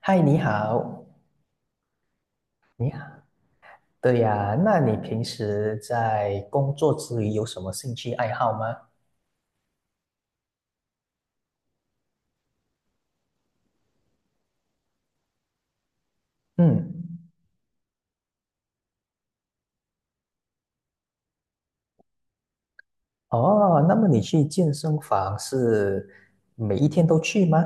嗨，你好，你好。对呀，那你平时在工作之余有什么兴趣爱好吗？嗯，哦，那么你去健身房是每一天都去吗？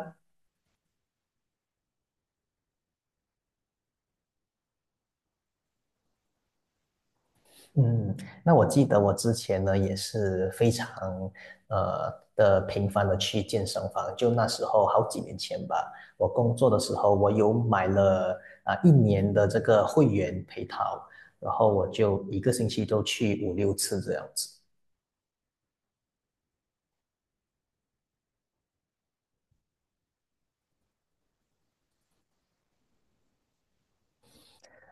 嗯，那我记得我之前呢也是非常的频繁的去健身房，就那时候好几年前吧，我工作的时候我有买了啊、一年的这个会员配套，然后我就一个星期都去五六次这样子。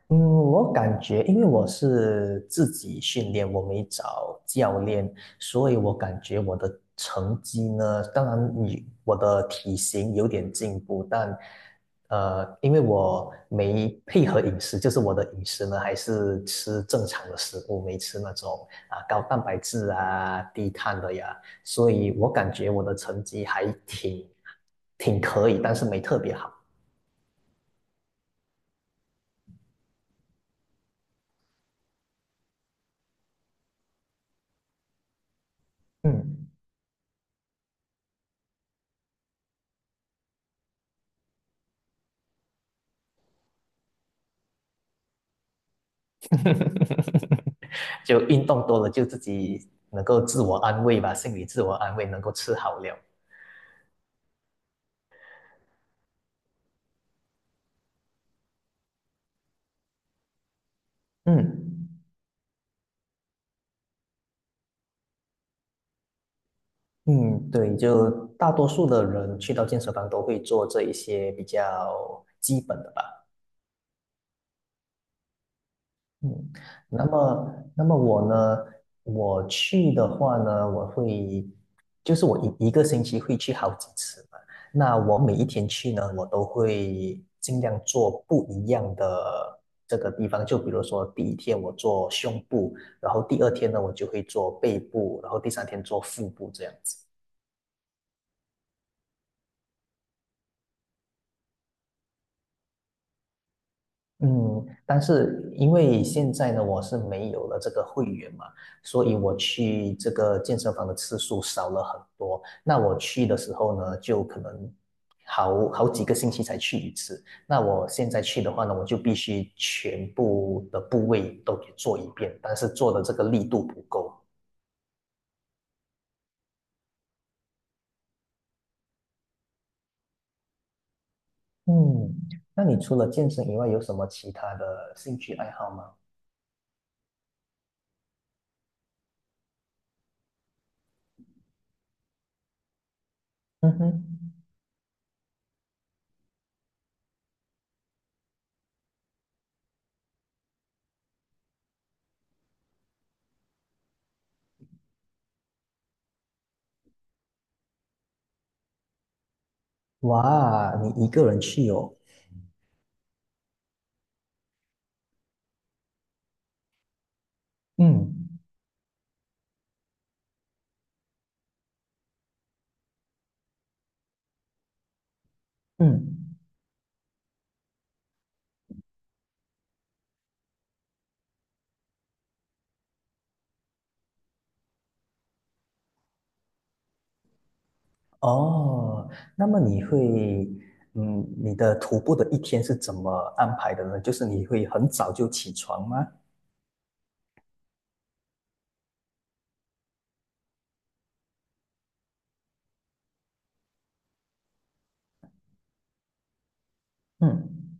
嗯，我感觉，因为我是自己训练，我没找教练，所以我感觉我的成绩呢，当然你我的体型有点进步，但因为我没配合饮食，就是我的饮食呢还是吃正常的食物，没吃那种啊高蛋白质啊、低碳的呀，所以我感觉我的成绩还挺可以，但是没特别好。嗯。就运动多了，就自己能够自我安慰吧，心理自我安慰，能够吃好了。嗯嗯，对，就大多数的人去到健身房都会做这一些比较基本的吧。嗯，那么我呢？我去的话呢，我会，就是我一个星期会去好几次嘛。那我每一天去呢，我都会尽量做不一样的这个地方。就比如说，第一天我做胸部，然后第二天呢，我就会做背部，然后第三天做腹部这样子。嗯，但是因为现在呢，我是没有了这个会员嘛，所以我去这个健身房的次数少了很多。那我去的时候呢，就可能好几个星期才去一次。那我现在去的话呢，我就必须全部的部位都给做一遍，但是做的这个力度不够。嗯，那你除了健身以外，有什么其他的兴趣爱好吗？嗯哼，哇，你一个人去哦。嗯嗯。哦，那么你会，嗯，你的徒步的一天是怎么安排的呢？就是你会很早就起床吗？嗯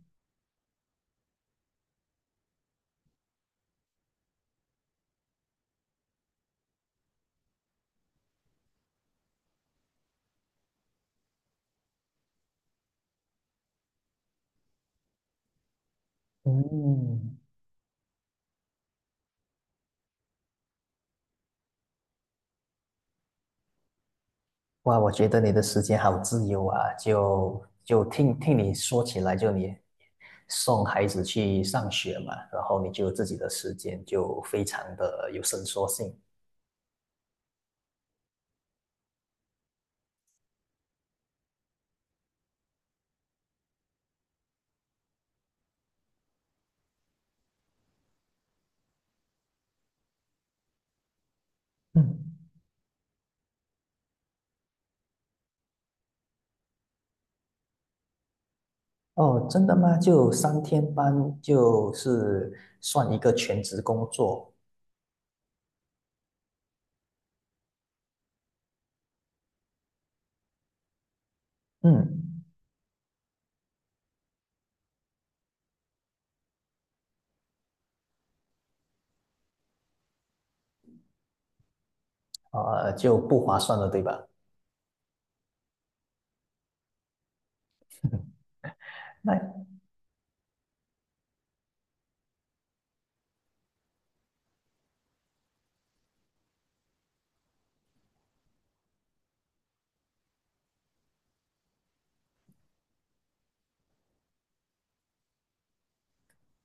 嗯，哇，我觉得你的时间好自由啊！就听听你说起来，就你送孩子去上学嘛，然后你就有自己的时间，就非常的有伸缩性。嗯，哦，真的吗？就三天班就是算一个全职工作。嗯。啊，就不划算了，对吧？那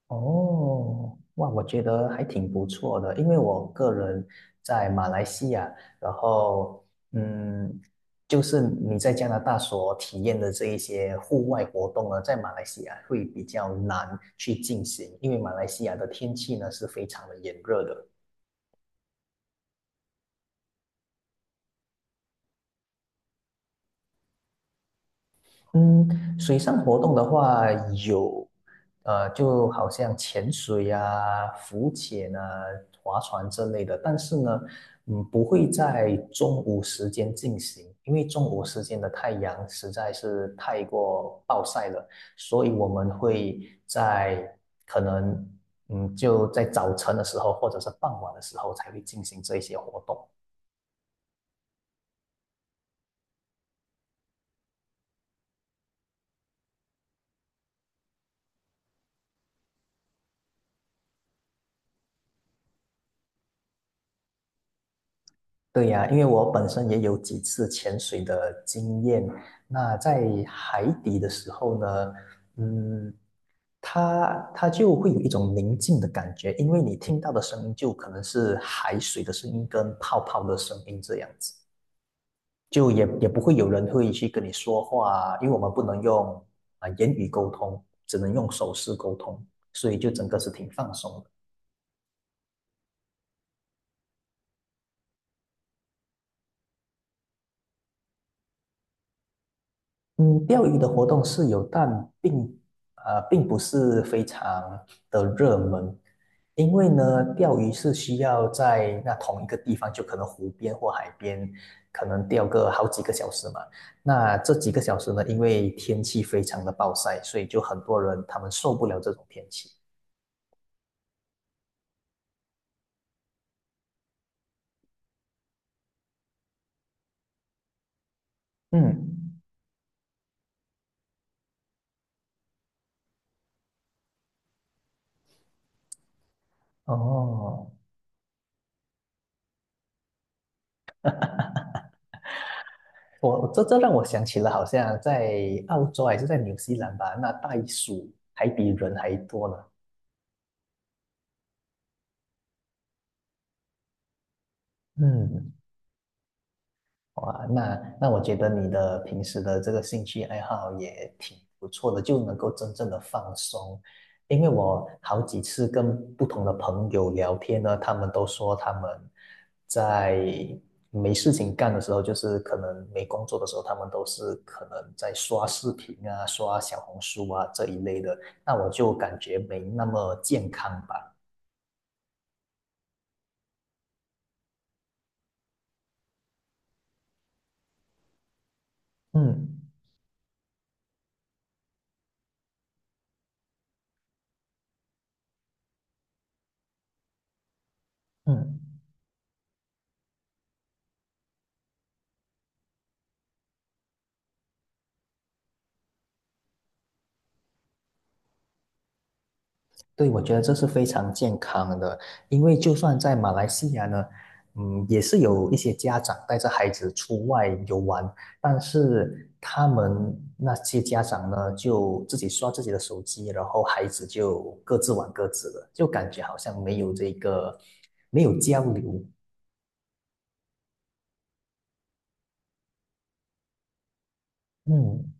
哦，哇，我觉得还挺不错的，因为我个人在马来西亚，然后嗯，就是你在加拿大所体验的这一些户外活动呢，在马来西亚会比较难去进行，因为马来西亚的天气呢是非常的炎热的。嗯，水上活动的话有，就好像潜水啊、浮潜啊、划船之类的，但是呢，嗯，不会在中午时间进行，因为中午时间的太阳实在是太过暴晒了，所以我们会在可能，嗯，就在早晨的时候或者是傍晚的时候才会进行这一些活动。对呀，因为我本身也有几次潜水的经验。那在海底的时候呢，嗯，它就会有一种宁静的感觉，因为你听到的声音就可能是海水的声音跟泡泡的声音这样子，就也不会有人会去跟你说话，因为我们不能用啊、言语沟通，只能用手势沟通，所以就整个是挺放松的。嗯，钓鱼的活动是有，但并并不是非常的热门，因为呢，钓鱼是需要在那同一个地方，就可能湖边或海边，可能钓个好几个小时嘛。那这几个小时呢，因为天气非常的暴晒，所以就很多人他们受不了这种天气。嗯，哦，我这让我想起了，好像在澳洲还是在纽西兰吧，那袋鼠还比人还多呢。嗯。哇，那我觉得你的平时的这个兴趣爱好也挺不错的，就能够真正的放松。因为我好几次跟不同的朋友聊天呢，他们都说他们在没事情干的时候，就是可能没工作的时候，他们都是可能在刷视频啊、刷小红书啊这一类的。那我就感觉没那么健康吧。嗯嗯。对，我觉得这是非常健康的，因为就算在马来西亚呢，嗯，也是有一些家长带着孩子出外游玩，但是他们那些家长呢，就自己刷自己的手机，然后孩子就各自玩各自的，就感觉好像没有这个，没有交流。嗯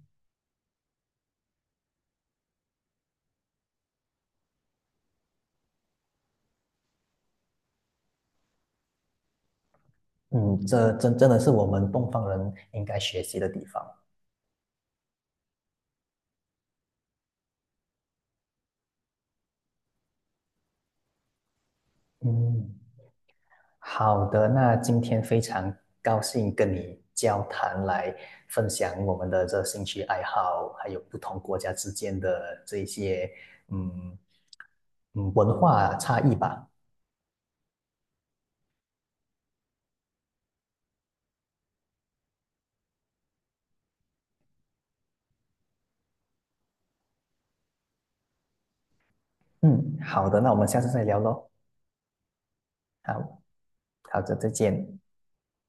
嗯，这真的是我们东方人应该学习的地方。嗯。好的，那今天非常高兴跟你交谈，来分享我们的这兴趣爱好，还有不同国家之间的这些嗯文化差异吧。嗯，好的，那我们下次再聊喽。好，好的，再见。